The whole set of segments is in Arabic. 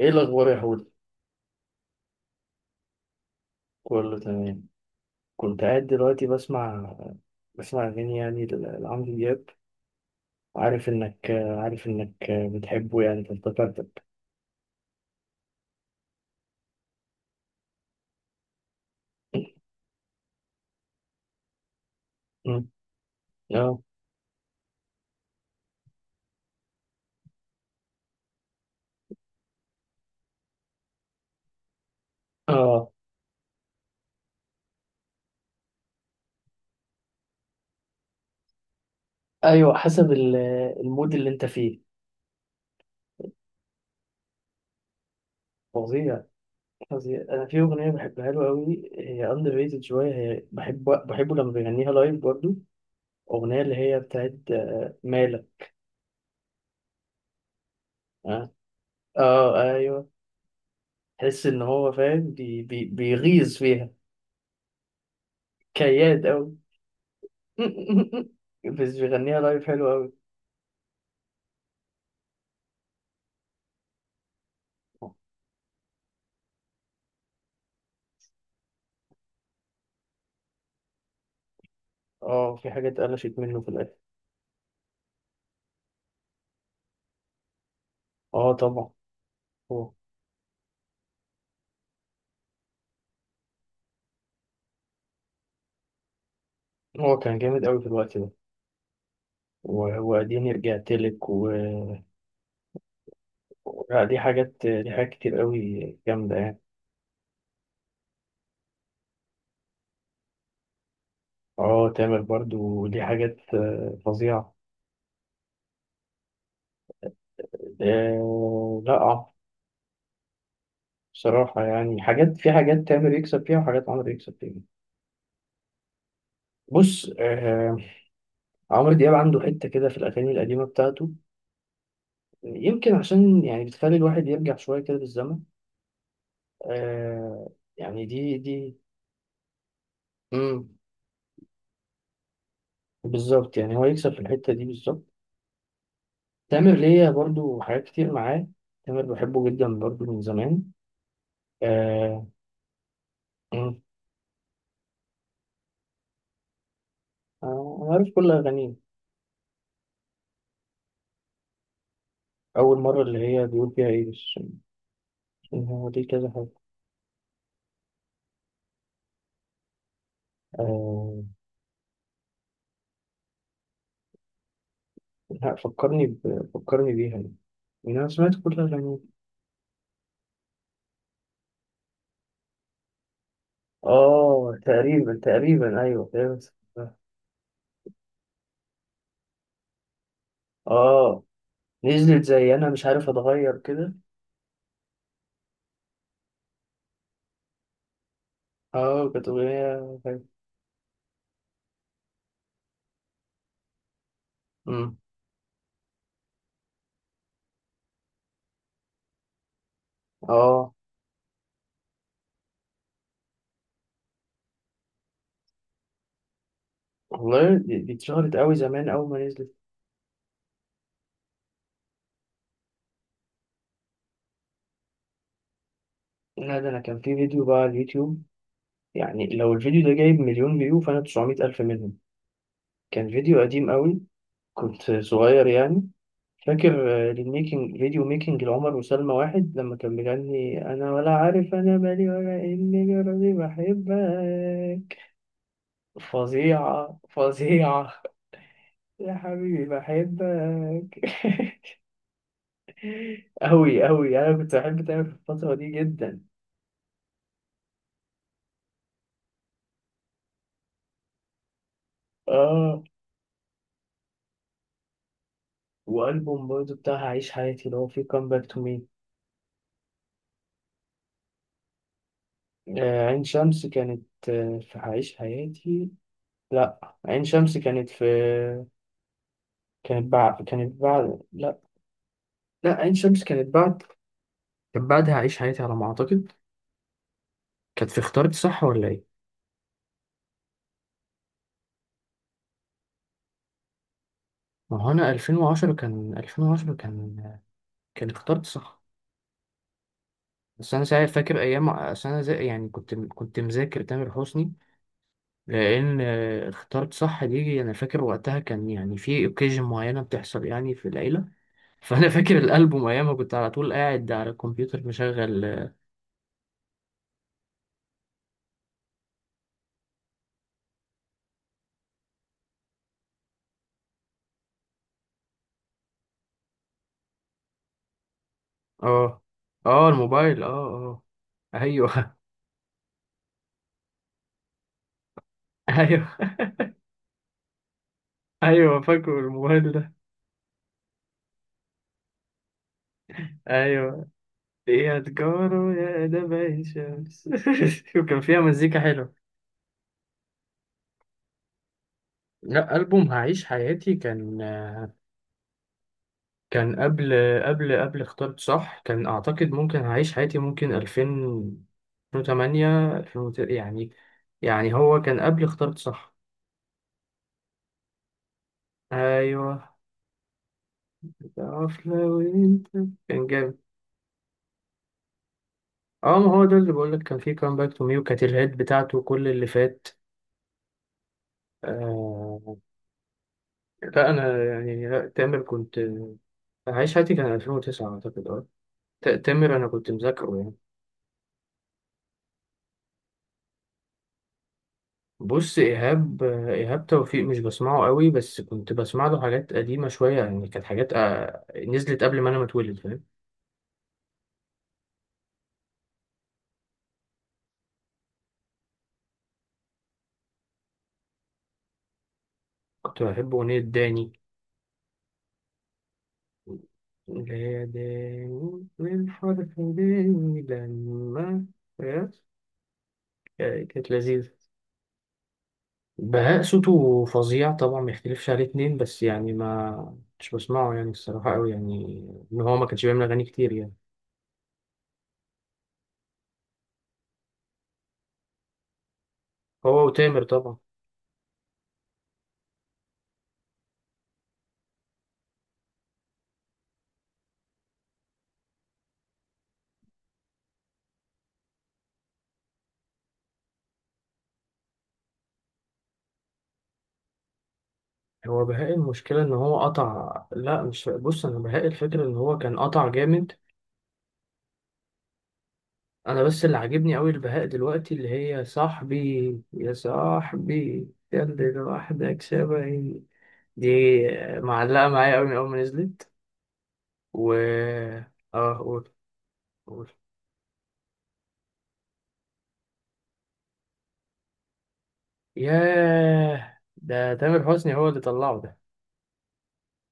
ايه الاخبار يا حود؟ كله تمام. كنت قاعد دلوقتي بسمع، اغاني يعني لعمرو دياب. وعارف انك عارف انك بتحبه يعني فافتكرتك. أمم، اه، اه، ايوه، حسب المود اللي انت فيه. فظيع، فظيع. انا في اغنيه بحبها له قوي، هي اندر ريتد شويه. هي بحبه لما بيغنيها لايف برضه. اغنيه اللي هي بتاعت مالك. اه، اه، ايوه. تحس ان هو فاهم بي بي بيغيظ فيها. كياد قوي. بس بيغنيها لايف حلو قوي. اه في حاجات قلشت منه في الاخر. اه طبعا، هو هو كان جامد قوي في الوقت ده. واديني رجعت لك. لا، دي حاجات، كتير قوي جامده يعني. اه تامر برضو دي حاجات فظيعه. آه لا. بصراحه يعني حاجات، في حاجات تامر يكسب فيها وحاجات عمرو يكسب فيها. بص آه، عمرو دياب عنده حته كده في الاغاني القديمه بتاعته. يمكن عشان يعني بتخلي الواحد يرجع شويه كده بالزمن. آه يعني دي. مم. بالظبط يعني هو يكسب في الحتة دي بالظبط. تامر ليا برضو حاجات كتير معاه. تامر بحبه جدا برضو من زمان. آه. مم. أنا عارف كل أغانيه. أول مرة اللي هي بيقول فيها إيه بس، إن هو دي كذا حاجة. آه لا، فكرني بيها. يعني أنا سمعت كل أغانيه. آه تقريبا، أيوه تقريبا. آه نزلت زي أنا مش عارف، أتغير كده. آه، كانت أغنية حلوة. اه والله دي اتشهرت قوي زمان اول ما نزلت. لا ده انا كان في فيديو بقى على اليوتيوب. يعني لو الفيديو ده جايب مليون فيو، فانا 900 الف منهم. كان فيديو قديم قوي، كنت صغير يعني. فاكر الميكنج، فيديو ميكنج لعمر وسلمى، واحد لما كان بيغني انا ولا عارف انا مالي ولا اني جرالي بحبك. فظيعة، فظيعة. يا حبيبي بحبك. أوي، أوي، أنا كنت بحب تامر في الفترة دي جدا. آه. وألبوم برضه بتاع عيش حياتي اللي هو فيه كام باك تو مي. عين شمس كانت في عيش حياتي. لا عين شمس كانت في، كانت بعد. لا، لا، عين شمس كانت بعد. كانت بعدها عيش حياتي على ما أعتقد. كانت في اختارت صح، ولا إيه؟ ما هو أنا 2010، كان 2010، كان اختارت صح. بس أنا ساعتها فاكر أيام، أصل أنا زي يعني كنت مذاكر تامر حسني. لأن اختارت صح دي، أنا فاكر وقتها كان يعني في أوكيجن معينة بتحصل يعني في العيلة. فانا فاكر الالبوم، ايامها كنت على طول قاعد على الكمبيوتر مشغل. اه، اه، الموبايل، اه، اه، ايوه. ايوه، ايوه، فاكر الموبايل ده. ايوه، يا تجارة يا نبع شمس. وكان فيها مزيكا حلوه. لا ألبوم هعيش حياتي كان، كان قبل قبل اخترت صح، كان أعتقد ممكن هعيش حياتي ممكن 2000، 2008، 2000 يعني. يعني هو كان قبل اخترت صح. أيوه، تعرف لو انت كان جامد. اه ما هو ده اللي بقول لك كان فيه كام باك تو مي، وكانت الهيد بتاعته كل اللي فات. آه لا انا يعني، لا تامر كنت، عايش حياتي كان 2009 اعتقد. اه، تامر انا كنت مذاكره يعني. بص ايهاب، ايهاب توفيق مش بسمعه قوي، بس كنت بسمع له حاجات قديمه شويه، يعني كانت حاجات آه نزلت قبل ما انا ما اتولد، فاهم؟ كنت بحب اغنيه داني، اللي هي داني من حرف داني لما، فاهم؟ كانت لذيذة. بهاء صوته فظيع طبعا، ما يختلفش عليه اتنين، بس يعني ما، مش بسمعه يعني الصراحة أوي يعني. إن هو ما كانش بيعمل أغاني كتير يعني. هو وتامر طبعا. هو بهاء المشكلة إن هو قطع. لا، مش، بص أنا بهاء الفكرة إن هو كان قطع جامد. أنا بس اللي عاجبني أوي البهاء دلوقتي، اللي هي صاحبي يا صاحبي خلي لوحدك شبهي. دي معلقة معايا أوي من أول ما نزلت. و آه، قول. ياه، ده تامر حسني هو اللي طلعه ده.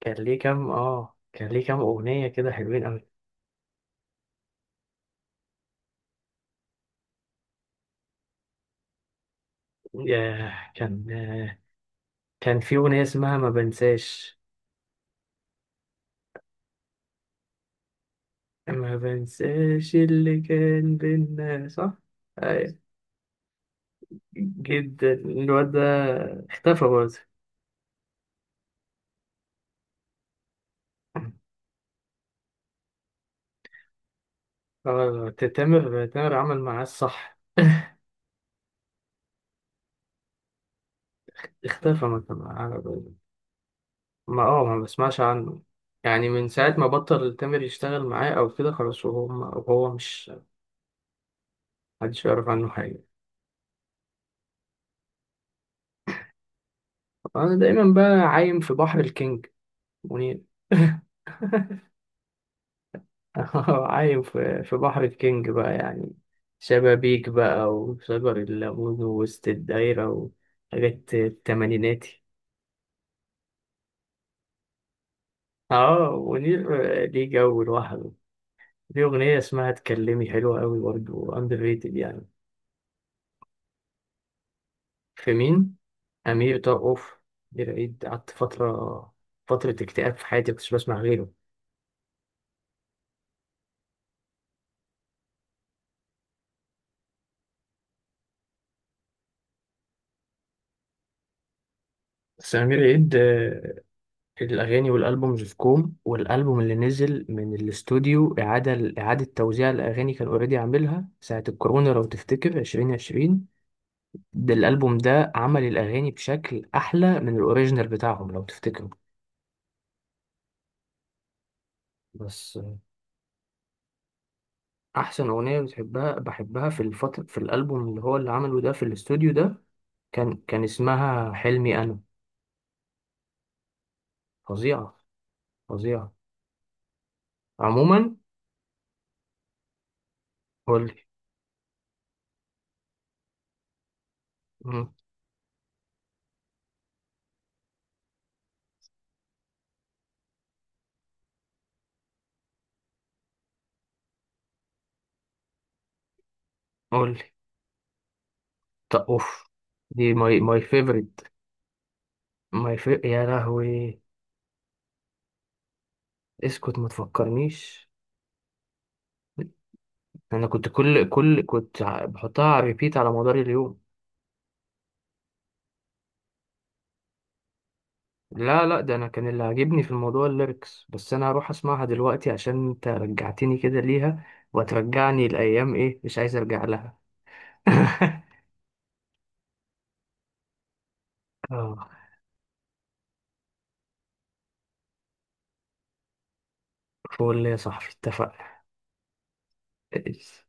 كان ليه كام أغنية كده حلوين أوي. ياه، كان في أغنية اسمها ما بنساش. ما بنساش اللي كان بينا، صح؟ أيوة، جدا الواد ده. اختفى برضه. اه تامر عمل معاه الصح. اختفى ما كان معاه. ما بسمعش عنه. يعني من ساعة ما بطل تامر يشتغل معاه أو كده، خلاص، وهو مش، محدش يعرف عنه حاجة. أنا دايما بقى عايم في بحر الكينج، منير. عايم في بحر الكينج بقى يعني. شبابيك بقى، وشجر الليمون، ووسط الدايرة، وحاجات التمانيناتي. اه منير ليه جو لوحده. ليه أغنية اسمها اتكلمي حلوة أوي برضه، أندر ريتد يعني. في مين؟ أمير طرقوف. أمير عيد قعدت فترة، فترة اكتئاب في حياتي مكنتش بسمع غيره. بس أمير عيد، الأغاني والألبومز في كوم، والألبوم اللي نزل من الاستوديو إعادة توزيع الأغاني، كان أوريدي عاملها ساعة الكورونا لو تفتكر، 2020. ده الألبوم ده عمل الأغاني بشكل أحلى من الأوريجينال بتاعهم لو تفتكروا. بس أحسن أغنية بحبها في الفترة، في الألبوم اللي هو اللي عمله ده في الاستوديو ده، كان اسمها حلمي أنا. فظيعة، فظيعة. عموما، قولي. مم، قولي. طب أوف، دي ماي، فيفورت. ما يفرق يا لهوي. اسكت ما تفكرنيش. انا كنت، بحطها على ريبيت على مدار اليوم. لا لا، ده انا كان اللي عاجبني في الموضوع الليركس، بس انا هروح اسمعها دلوقتي عشان انت رجعتني كده ليها، وترجعني الايام، ايه، مش عايز ارجع لها. اه، فول يا صاحبي، اتفقنا.